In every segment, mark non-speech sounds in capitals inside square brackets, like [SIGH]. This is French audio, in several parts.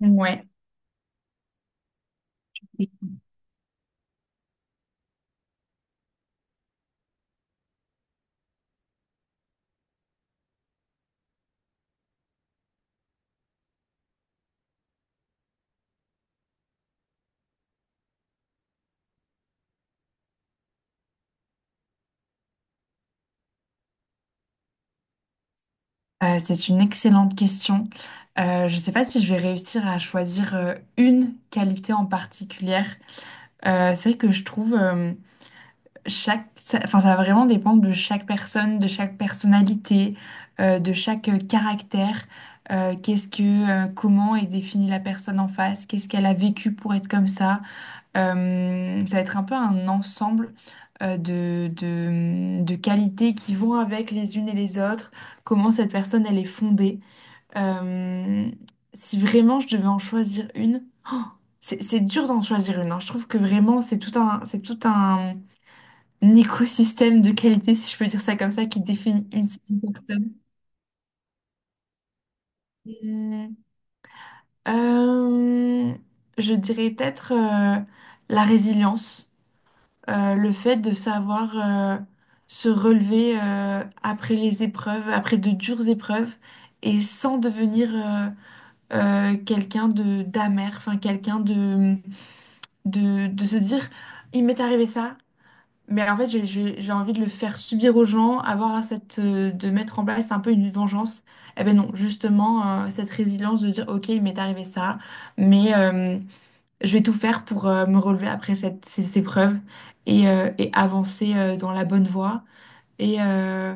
Ouais. C'est une excellente question. Je ne sais pas si je vais réussir à choisir une qualité en particulière. C'est vrai que je trouve ça va vraiment dépendre de chaque personne, de chaque personnalité, de chaque caractère. Comment est définie la personne en face? Qu'est-ce qu'elle a vécu pour être comme ça? Ça va être un peu un ensemble de qualités qui vont avec les unes et les autres, comment cette personne, elle est fondée. Euh, si vraiment je devais en choisir une, oh, c'est dur d'en choisir une, hein. Je trouve que vraiment, c'est tout un écosystème de qualités, si je peux dire ça comme ça, qui définit une seule personne. Hmm, euh, je dirais peut-être la résilience. Le fait de savoir se relever après les épreuves, après de dures épreuves, et sans devenir quelqu'un de d'amer, enfin quelqu'un de se dire, il m'est arrivé ça, mais en fait j'ai envie de le faire subir aux gens, avoir cette de mettre en place un peu une vengeance. Eh ben non, justement cette résilience de dire, ok, il m'est arrivé ça, mais je vais tout faire pour me relever après ces épreuves et avancer dans la bonne voie. Et, euh,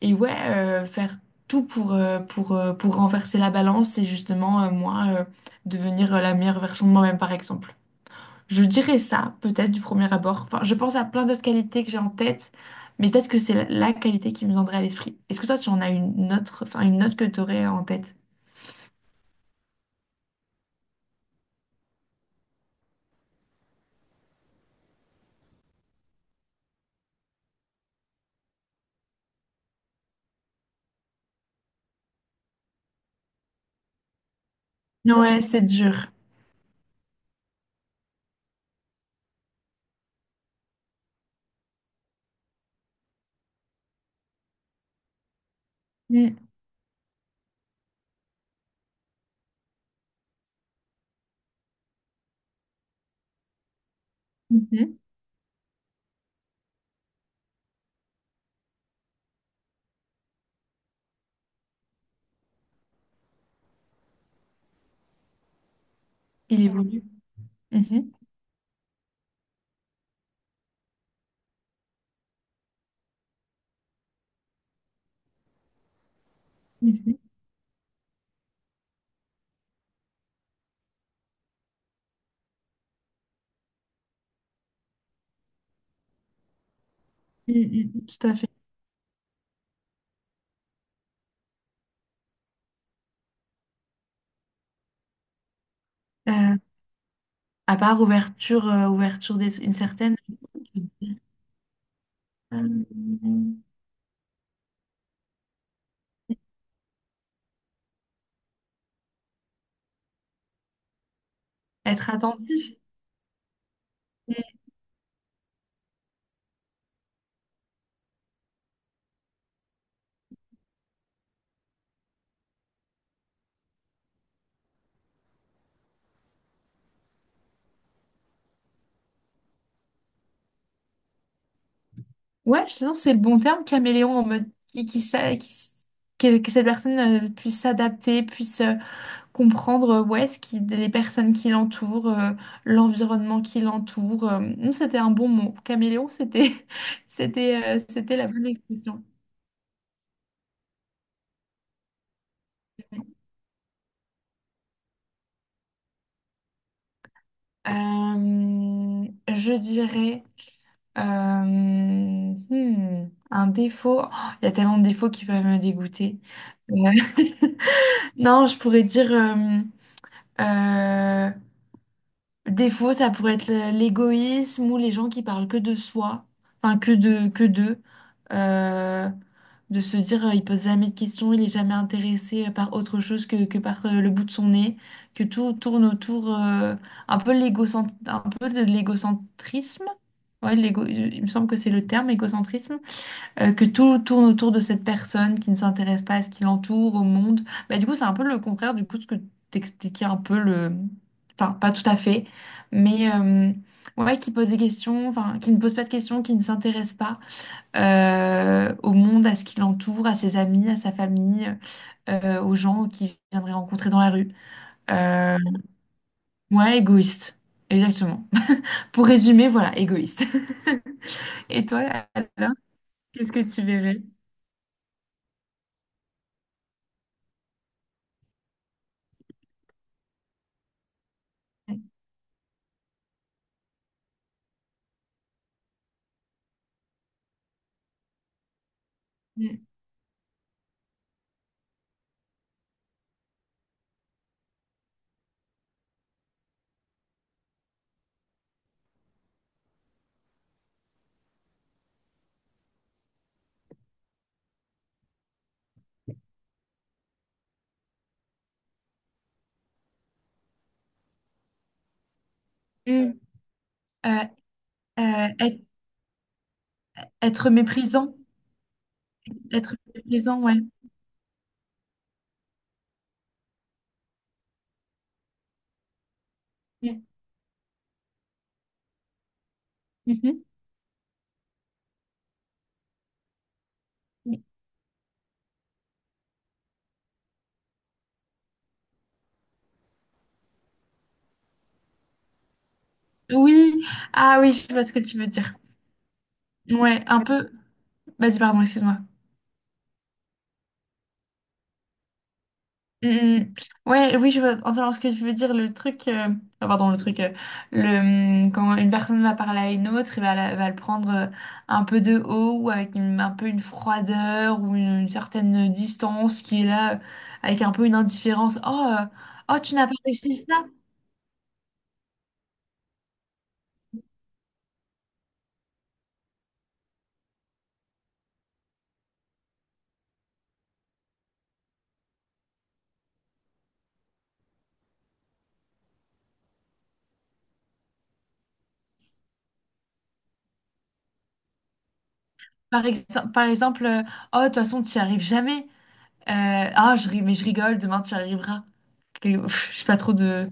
et ouais, faire tout pour renverser la balance et justement, moi, devenir la meilleure version de moi-même, par exemple. Je dirais ça, peut-être, du premier abord. Enfin, je pense à plein d'autres qualités que j'ai en tête, mais peut-être que c'est la qualité qui me viendrait à l'esprit. Est-ce que toi, tu en as une autre, enfin, une autre que tu aurais en tête? Ouais, c'est dur. Mm. Mhm. Il évolue. Mhm. Mm, mm, mm, tout à fait. Euh, à part ouverture, ouverture d'esprit, une certaine. Euh, être attentif. Mm. Ouais, sinon c'est le bon terme, caméléon, en mode qui, s'a- qui s- que cette personne puisse s'adapter, puisse comprendre ouais, les personnes qui l'entourent, l'environnement qui l'entoure. Mm, c'était un bon mot. Caméléon, c'était [LAUGHS] c'était la bonne expression. Euh, je dirais. Euh, un défaut. Oh, il y a tellement de défauts qui peuvent me dégoûter. Euh, [LAUGHS] non, je pourrais dire euh, Défaut, ça pourrait être l'égoïsme ou les gens qui parlent que de soi, enfin que d'eux, Euh, de se dire il pose jamais de questions, il est jamais intéressé par autre chose que par le bout de son nez, que tout tourne autour un peu de l'égocentrisme. Ouais, l'égo, il me semble que c'est le terme, égocentrisme que tout tourne autour de cette personne qui ne s'intéresse pas à ce qui l'entoure, au monde. Bah, du coup, c'est un peu le contraire du coup de ce que t'expliquais un peu le... Enfin, pas tout à fait, mais ouais, qui pose des questions, enfin, qui ne pose pas de questions, qui ne s'intéresse pas au monde, à ce qui l'entoure, à ses amis, à sa famille, aux gens qu'il viendrait rencontrer dans la rue. Euh, ouais, égoïste. Exactement. [LAUGHS] Pour résumer, voilà, égoïste. [LAUGHS] Et toi, alors, qu'est-ce que tu verrais? Mm. Mm. Euh, euh, être Être méprisant. Être méprisant, ouais. Ouais. Mhm. Oui, ah oui, je vois ce que tu veux dire. Ouais, un peu. Vas-y, pardon, excuse-moi. Mhm. Ouais, oui, je vois entendre ce que je veux dire. Pardon, le, quand une personne va parler à une autre, et va le prendre un peu de haut, ou avec un peu une froideur, ou une certaine distance qui est là, avec un peu une indifférence. Oh, oh, tu n'as pas réussi ça. Par, ex- par exemple, oh, de toute façon, tu n'y arrives jamais. Euh, mais je rigole, demain tu y arriveras. Je sais pas trop de...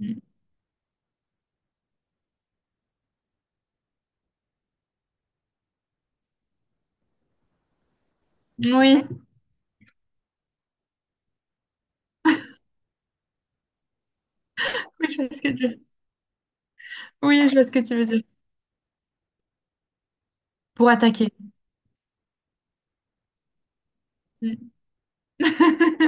Oui, oui, je vois ce que tu... oui, je vois ce que tu veux dire. Pour attaquer. Mm. [LAUGHS]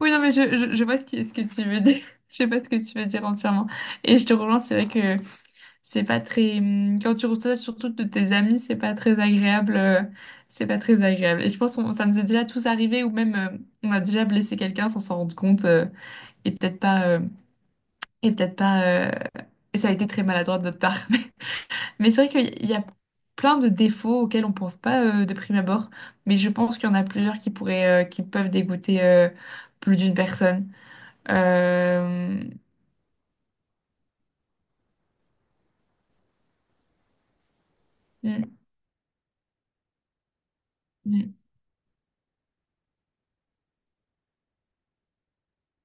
Oui, non, mais je vois ce que tu veux dire. [LAUGHS] Je sais pas ce que tu veux dire entièrement. Et je te relance, c'est vrai que c'est pas très... quand tu reçois surtout de tes amis, c'est pas très agréable. C'est pas très agréable. Et je pense que ça nous est déjà tous arrivé, ou même on a déjà blessé quelqu'un sans s'en rendre compte. Et peut-être pas... Et peut-être pas... Et ça a été très maladroit de notre part. [LAUGHS] Mais c'est vrai qu'il y a plein de défauts auxquels on pense pas de prime abord, mais je pense qu'il y en a plusieurs qui peuvent dégoûter plus d'une personne. Euh, mm, mm,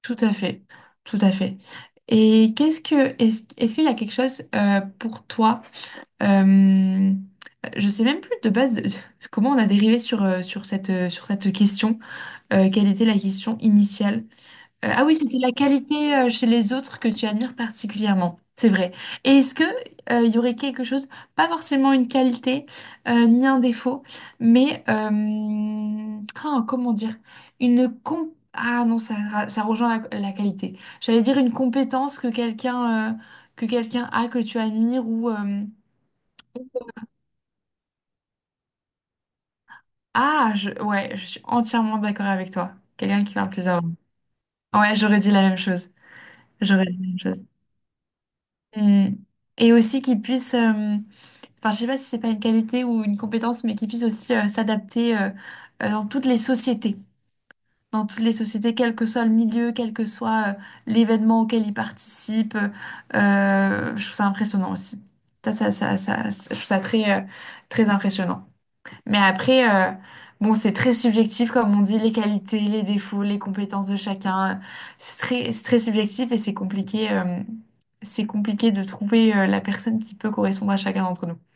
Tout à fait, tout à fait. Et est-ce qu'il y a quelque chose pour toi, euh, je sais même plus de base de- [LAUGHS] comment on a dérivé sur, sur sur cette question, quelle était la question initiale, ah oui, c'était la qualité chez les autres que tu admires particulièrement. C'est vrai. Et est-ce que il y aurait quelque chose, pas forcément une qualité ni un défaut, mais comment dire, une com- ah non, ça, ça rejoint la qualité. J'allais dire une compétence que quelqu'un a que tu admires ou ah je... ouais, je suis entièrement d'accord avec toi. Quelqu'un qui parle plusieurs langues. Ouais, j'aurais dit la même chose. J'aurais dit la même chose. Mm. Et aussi qu'ils puissent, enfin je sais pas si c'est pas une qualité ou une compétence, mais qu'ils puissent aussi s'adapter dans toutes les sociétés, dans toutes les sociétés, quel que soit le milieu, quel que soit l'événement auquel ils participent. Je trouve ça impressionnant aussi. Ça, je trouve ça très, très impressionnant. Mais après, bon, c'est très subjectif, comme on dit, les qualités, les défauts, les compétences de chacun. C'est très subjectif et c'est compliqué de trouver, la personne qui peut correspondre à chacun d'entre nous.